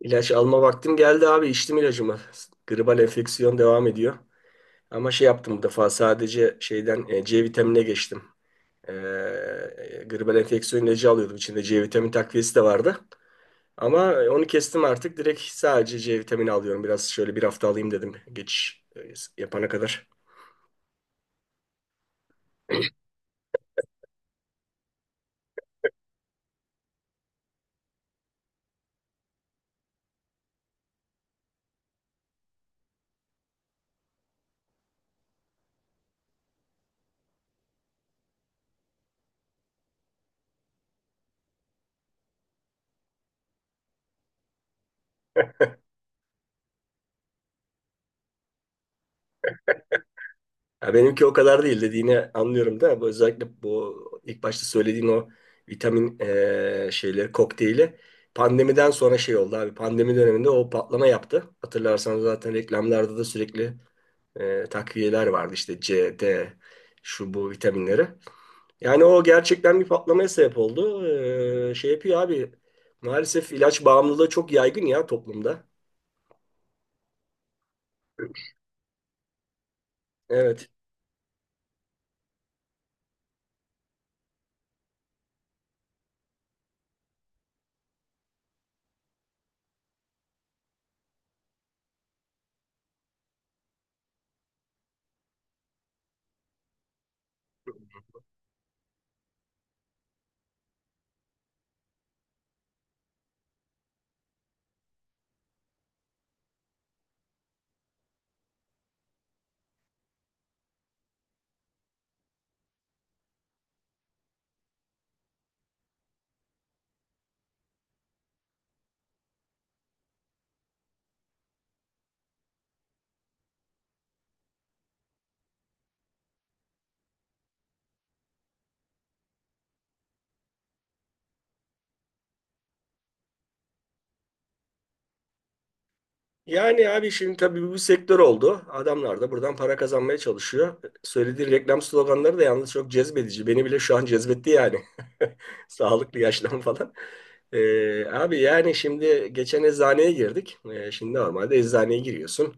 İlaç alma vaktim geldi abi. İçtim ilacımı. Gribal enfeksiyon devam ediyor. Ama şey yaptım bu defa sadece şeyden C vitamine geçtim. Gribal enfeksiyon ilacı alıyordum. İçinde C vitamini takviyesi de vardı. Ama onu kestim artık. Direkt sadece C vitamini alıyorum. Biraz şöyle bir hafta alayım dedim geçiş yapana kadar. Ya benimki o kadar değil, dediğini anlıyorum da bu özellikle bu ilk başta söylediğin o vitamin şeyleri kokteyli pandemiden sonra şey oldu abi. Pandemi döneminde o patlama yaptı. Hatırlarsanız zaten reklamlarda da sürekli takviyeler vardı işte C, D şu bu vitaminleri. Yani o gerçekten bir patlamaya sebep oldu. Şey yapıyor abi, maalesef ilaç bağımlılığı çok yaygın ya toplumda. Evet. Yani abi şimdi tabii bu bir sektör oldu. Adamlar da buradan para kazanmaya çalışıyor. Söylediği reklam sloganları da yalnız çok cezbedici. Beni bile şu an cezbetti yani. Sağlıklı yaşlan falan. Abi yani şimdi geçen eczaneye girdik. Şimdi normalde eczaneye giriyorsun.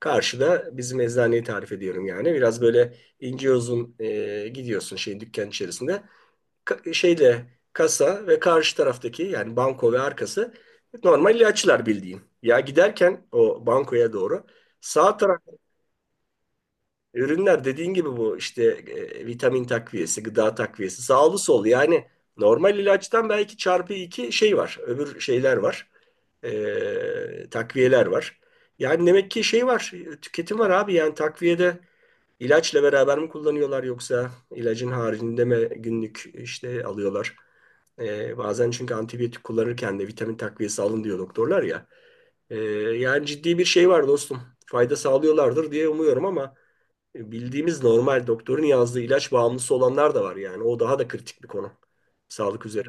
Karşıda bizim eczaneyi tarif ediyorum yani. Biraz böyle ince uzun gidiyorsun şey dükkan içerisinde şeyle kasa ve karşı taraftaki yani banko ve arkası normal ilaçlar bildiğin. Ya giderken o bankoya doğru sağ taraf ürünler, dediğin gibi bu işte vitamin takviyesi, gıda takviyesi, sağlı sollu yani normal ilaçtan belki çarpı iki şey var. Öbür şeyler var. E, takviyeler var. Yani demek ki şey var, tüketim var abi, yani takviyede İlaçla beraber mi kullanıyorlar, yoksa ilacın haricinde mi günlük işte alıyorlar? Bazen çünkü antibiyotik kullanırken de vitamin takviyesi alın diyor doktorlar ya. Ee, Yani ciddi bir şey var dostum. Fayda sağlıyorlardır diye umuyorum ama bildiğimiz normal doktorun yazdığı ilaç bağımlısı olanlar da var yani. O daha da kritik bir konu. Sağlık üzere.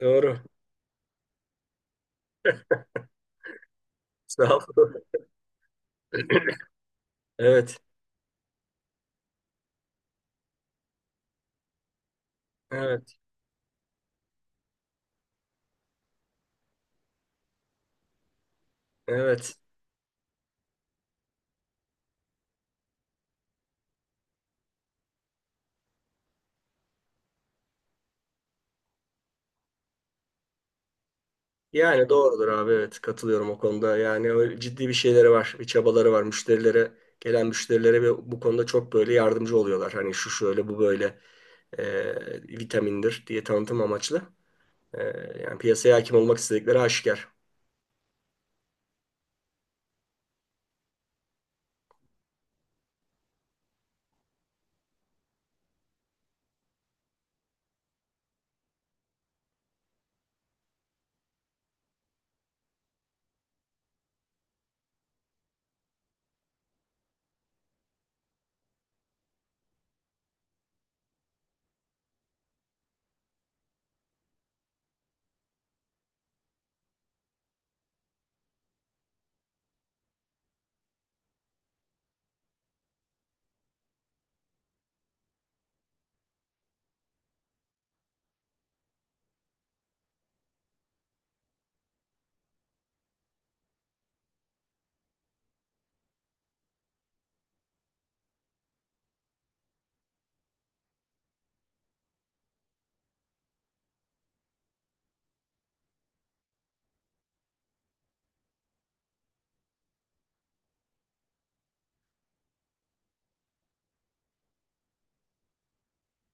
Doğru. Sağ ol. Evet. Evet. Evet. Yani doğrudur abi, evet, katılıyorum o konuda. Yani öyle ciddi bir şeyleri var, bir çabaları var. Müşterilere, gelen müşterilere ve bu konuda çok böyle yardımcı oluyorlar. Hani şu şöyle bu böyle vitamindir diye tanıtım amaçlı. E, yani piyasaya hakim olmak istedikleri aşikar.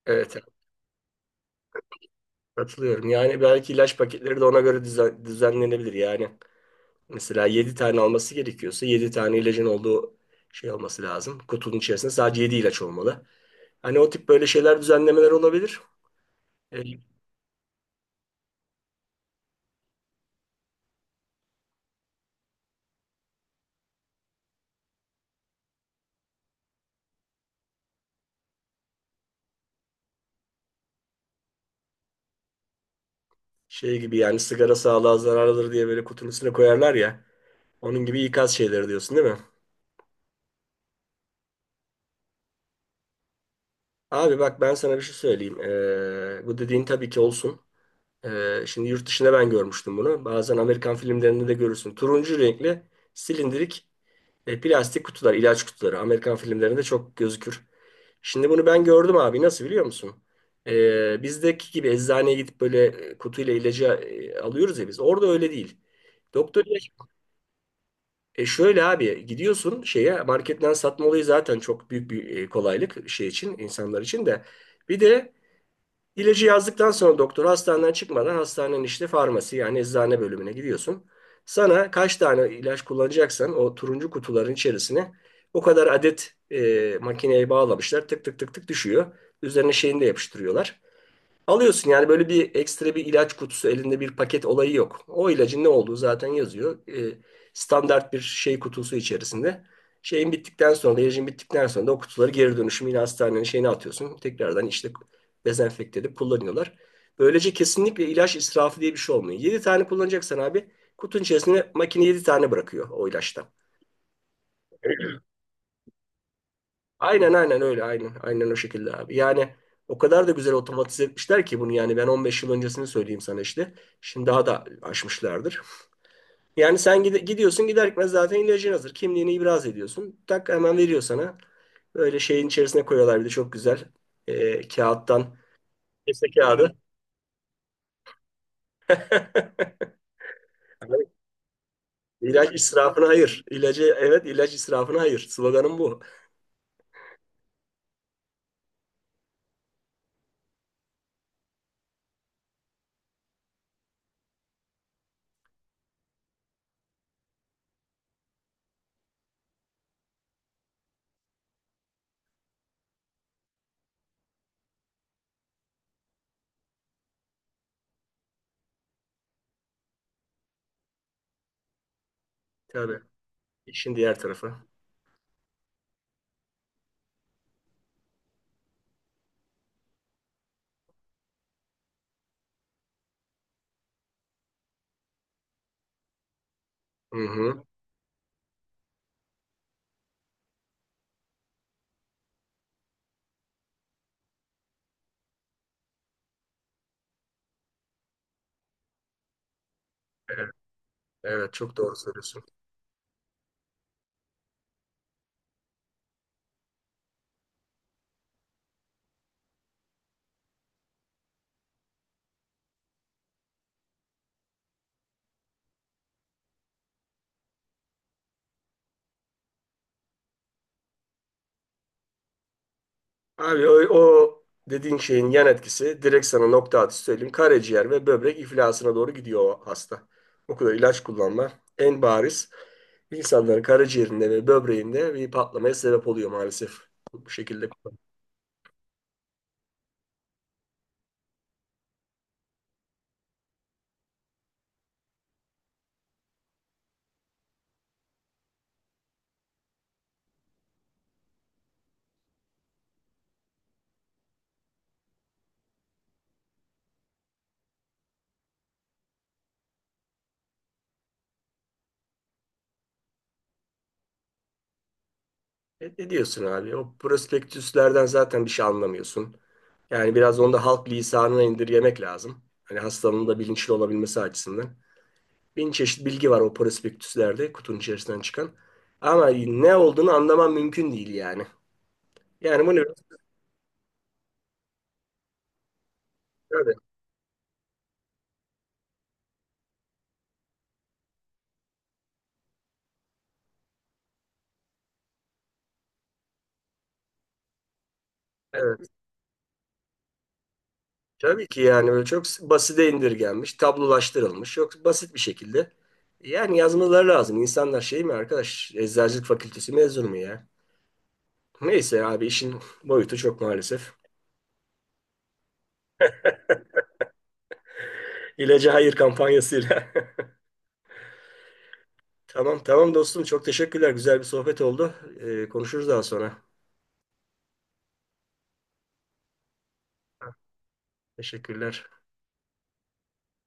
Evet, evet, katılıyorum. Yani belki ilaç paketleri de ona göre düzenlenebilir. Yani mesela 7 tane alması gerekiyorsa 7 tane ilacın olduğu şey olması lazım. Kutunun içerisinde sadece 7 ilaç olmalı. Hani o tip böyle şeyler düzenlemeler olabilir. Şey gibi yani, sigara sağlığa zararlıdır diye böyle kutunun üstüne koyarlar ya. Onun gibi ikaz şeyleri diyorsun değil mi? Abi bak ben sana bir şey söyleyeyim. Bu dediğin tabii ki olsun. Şimdi yurt dışında ben görmüştüm bunu. Bazen Amerikan filmlerinde de görürsün. Turuncu renkli silindirik plastik kutular, ilaç kutuları. Amerikan filmlerinde çok gözükür. Şimdi bunu ben gördüm abi. Nasıl biliyor musun? Bizdeki gibi eczaneye gidip böyle kutuyla ilacı alıyoruz ya biz. Orada öyle değil. Doktor. E şöyle abi, gidiyorsun şeye, marketten satma olayı zaten çok büyük bir kolaylık şey için, insanlar için de. Bir de ilacı yazdıktan sonra doktor hastaneden çıkmadan hastanenin işte farmasi yani eczane bölümüne gidiyorsun. Sana kaç tane ilaç kullanacaksan o turuncu kutuların içerisine o kadar adet makineye bağlamışlar, tık tık tık tık düşüyor. Üzerine şeyini de yapıştırıyorlar. Alıyorsun yani, böyle bir ekstra bir ilaç kutusu elinde bir paket olayı yok. O ilacın ne olduğu zaten yazıyor. Standart bir şey kutusu içerisinde. Şeyin bittikten sonra, ilacın bittikten sonra da o kutuları geri dönüşüm yine hastanenin şeyine atıyorsun. Tekrardan işte dezenfekte edip kullanıyorlar. Böylece kesinlikle ilaç israfı diye bir şey olmuyor. 7 tane kullanacaksan abi, kutunun içerisine makine 7 tane bırakıyor o ilaçtan. Aynen, aynen öyle, aynen. Aynen o şekilde abi. Yani o kadar da güzel otomatize etmişler ki bunu, yani ben 15 yıl öncesini söyleyeyim sana işte. Şimdi daha da aşmışlardır. Yani sen gidiyorsun, gider gitmez zaten ilacın hazır. Kimliğini ibraz ediyorsun. Tak, hemen veriyor sana. Böyle şeyin içerisine koyuyorlar bir de, çok güzel. Kağıttan. Kese kağıdı. Yani İlaç israfına hayır. İlacı, evet ilaç israfına hayır. Sloganım bu. Tabii. İşin diğer tarafı. Hı hı. Evet, evet çok doğru söylüyorsun. Abi o dediğin şeyin yan etkisi direkt sana nokta atışı söyleyeyim. Karaciğer ve böbrek iflasına doğru gidiyor o hasta. O kadar ilaç kullanma en bariz insanların karaciğerinde ve böbreğinde bir patlamaya sebep oluyor maalesef. Bu şekilde. Ne diyorsun abi? O prospektüslerden zaten bir şey anlamıyorsun. Yani biraz onu da halk lisanına indirgemek lazım. Hani hastanın da bilinçli olabilmesi açısından. Bin çeşit bilgi var o prospektüslerde, kutunun içerisinden çıkan. Ama ne olduğunu anlamam mümkün değil yani. Yani bunu biraz tabii, evet. Tabii ki yani, böyle çok basite indirgenmiş, tablolaştırılmış, çok basit bir şekilde. Yani yazmaları lazım. İnsanlar şey mi arkadaş, eczacılık fakültesi mezunu mu ya? Neyse abi, işin boyutu çok maalesef. İlaca hayır kampanyasıyla. Tamam, tamam dostum, çok teşekkürler. Güzel bir sohbet oldu. Konuşuruz daha sonra. Teşekkürler.